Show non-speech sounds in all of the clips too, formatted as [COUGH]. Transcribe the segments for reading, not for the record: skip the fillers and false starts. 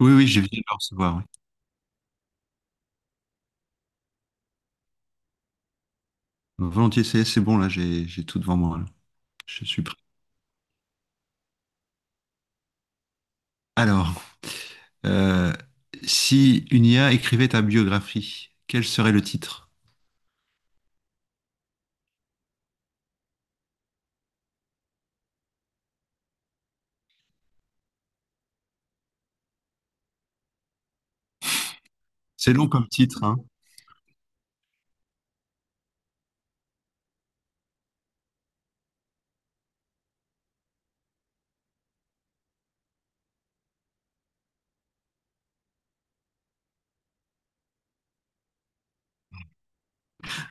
Oui, oui, j'ai viens de le recevoir. Oui. Volontiers, c'est bon, là, j'ai tout devant moi. Là. Je suis prêt. Alors, euh, si une IA écrivait ta biographie, quel serait le titre? C'est long comme titre, hein.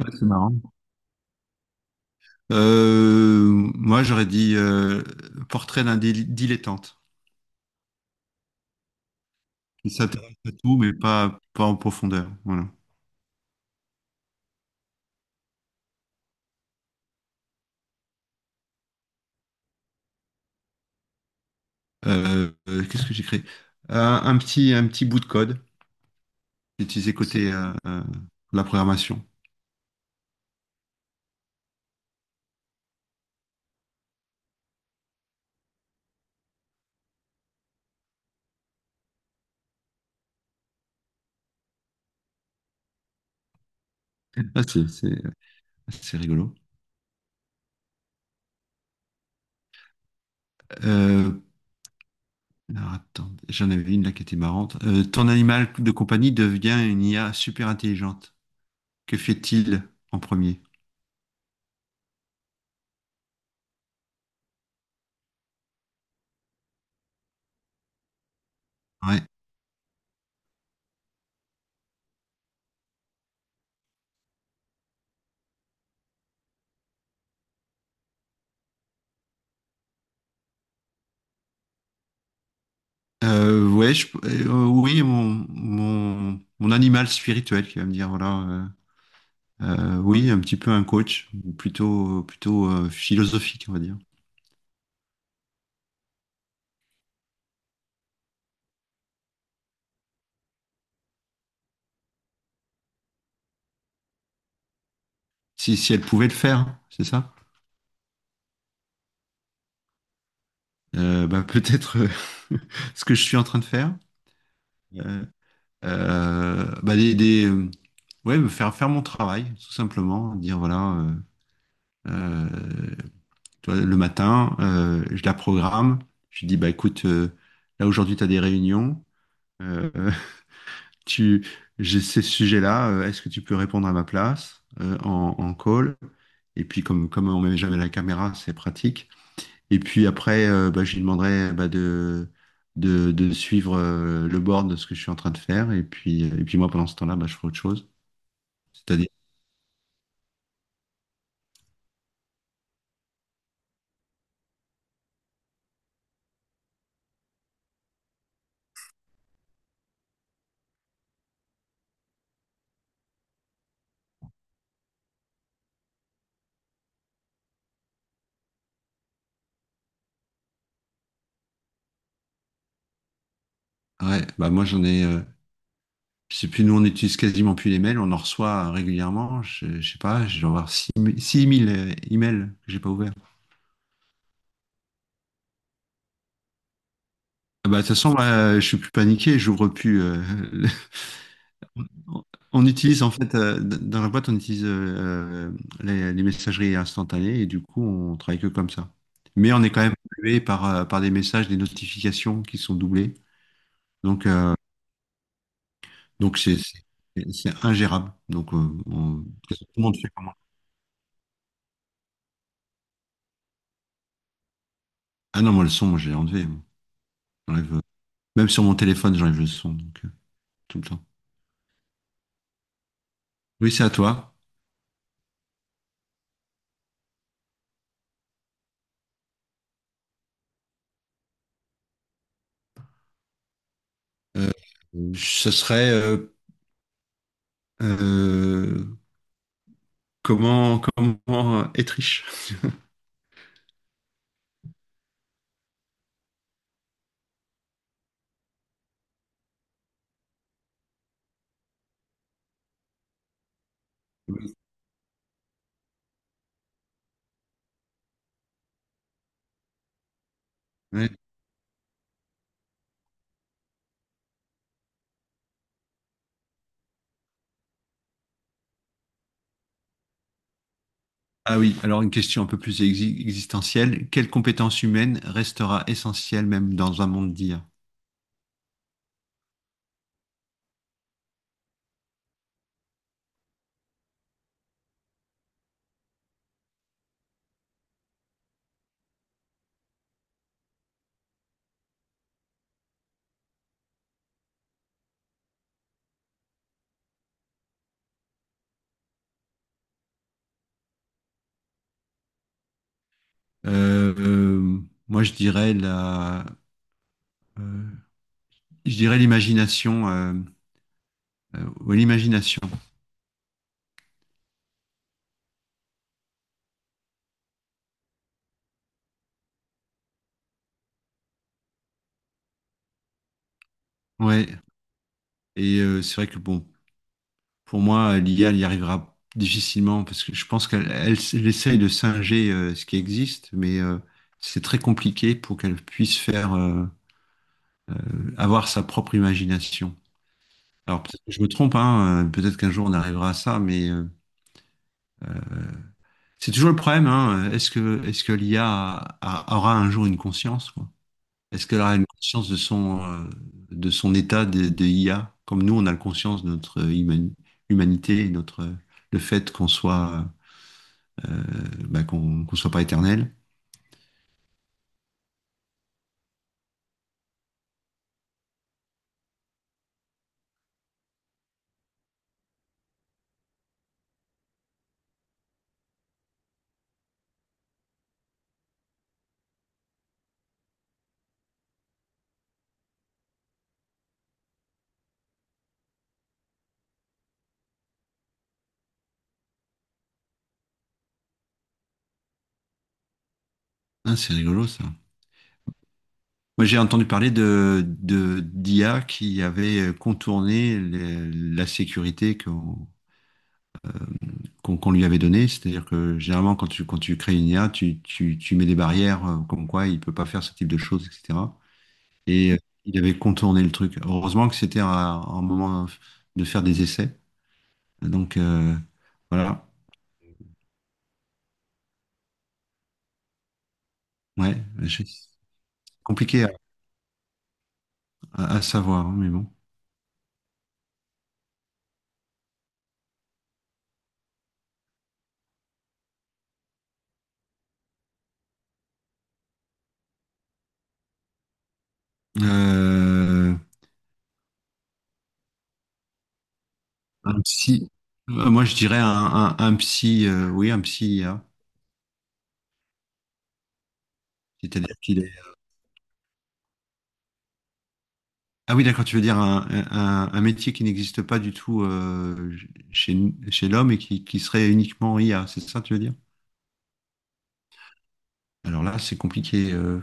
Ouais, c'est marrant. Euh, Moi, j'aurais dit portrait d'un dilettante. Il s'intéresse à tout, mais pas, pas en profondeur. Voilà. Qu'est-ce que j'ai créé? Un petit bout de code. C'est utilisé côté la programmation. Ah, c'est rigolo. Euh, alors, attends, j'en avais une là qui était marrante. Ton animal de compagnie devient une IA super intelligente. Que fait-il en premier? Ouais. Oui, mon animal spirituel qui va me dire, voilà, oui, un petit peu un coach, ou plutôt, plutôt philosophique, on va dire. Si, si elle pouvait le faire, c'est ça? Bah, peut-être [LAUGHS] ce que je suis en train de faire. Euh, euh, bah, des, des, euh, ouais, me faire faire mon travail, tout simplement. Dire, voilà, euh, tu vois, le matin, je la programme, je lui dis, bah, écoute, là aujourd'hui, tu as des réunions. Euh, tu, j'ai ces sujets-là, est-ce que tu peux répondre à ma place en, en call? Et puis comme, comme on met jamais la caméra, c'est pratique. Et puis après, bah, je lui demanderai bah, de suivre le board de ce que je suis en train de faire. Et puis moi, pendant ce temps-là, bah, je ferai autre chose. C'est-à-dire, ouais, bah, moi j'en ai, je sais plus, nous on n'utilise quasiment plus les mails, on en reçoit régulièrement. Je sais pas, je dois avoir 6000 emails que j'ai pas ouverts. Ah bah, de toute façon, moi, je suis plus paniqué, j'ouvre plus. [LAUGHS] On on utilise en fait dans la boîte, on utilise les messageries instantanées et du coup, on travaille que comme ça. Mais on est quand même pollué par par des messages, des notifications qui sont doublées. Donc euh, donc c'est c'est ingérable. Donc on- tout le monde fait comment? Ah non, moi le son, moi j'ai enlevé. Moi. J'enlève, même sur mon téléphone, j'enlève le son donc tout le temps. Oui, c'est à toi. Euh, Ce serait euh, comment comment être riche. [LAUGHS] Ah oui, alors une question un peu plus existentielle. Quelle compétence humaine restera essentielle même dans un monde d'IA? Euh, euh, Moi, je dirais euh, l'imagination, ouais, l'imagination. Ouais. Et c'est vrai que bon, pour moi, l'IA, elle y arrivera difficilement parce que je pense elle essaye de singer ce qui existe, mais c'est très compliqué pour qu'elle puisse faire euh, avoir sa propre imagination. Alors peut-être que je me trompe, hein, peut-être qu'un jour on arrivera à ça, mais euh, c'est toujours le problème, hein, est-ce que l'IA aura un jour une conscience, quoi? Est-ce qu'elle aura une conscience de son état de IA, comme nous on a la conscience de notre humanité, et notre le fait qu'on soit euh, bah, qu'on soit pas éternel. Ah, c'est rigolo ça. Moi, j'ai entendu parler d'IA qui avait contourné la sécurité qu'on lui avait donnée. C'est-à-dire que généralement, quand tu crées une IA, tu mets des barrières comme quoi il ne peut pas faire ce type de choses, etc. Et il avait contourné le truc. Heureusement que c'était à- un moment de faire des essais. Donc, voilà. Ouais, je- c'est compliqué à savoir, hein, mais bon. Euh, un psy. Moi, je dirais un, un psy, oui, un psy. C'est-à-dire qu'il est... Ah oui, d'accord, tu veux dire un, un métier qui n'existe pas du tout chez, chez l'homme et qui serait uniquement IA, c'est ça, tu veux dire? Alors là, c'est compliqué.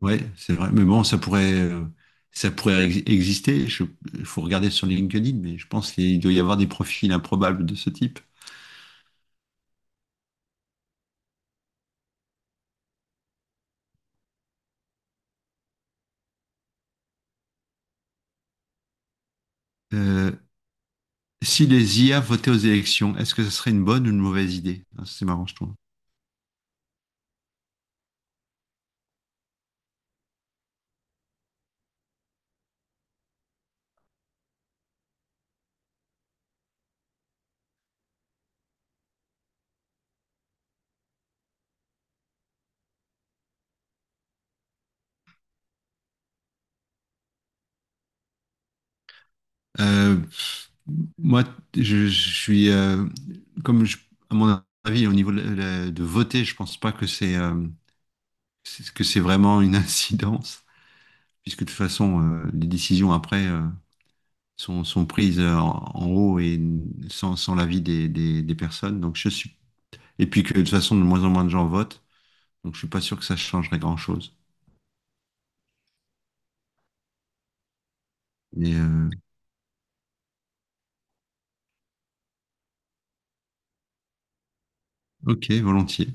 Ouais, c'est vrai. Mais bon, ça pourrait exister. Je- Il faut regarder sur LinkedIn, mais je pense qu'il doit y avoir des profils improbables de ce type. Euh, Si les IA votaient aux élections, est-ce que ce serait une bonne ou une mauvaise idée? Ah, c'est marrant, je trouve. Euh, moi, je suis, comme je- à mon avis, au niveau de, de voter, je pense pas que c'est vraiment une [LAUGHS] incidence, puisque de toute façon, les décisions après sont prises en haut et sans l'avis des personnes. Donc je suis, et puis que de toute façon, de moins en moins de gens votent, donc je suis pas sûr que ça changerait grand-chose. Mais ok, volontiers.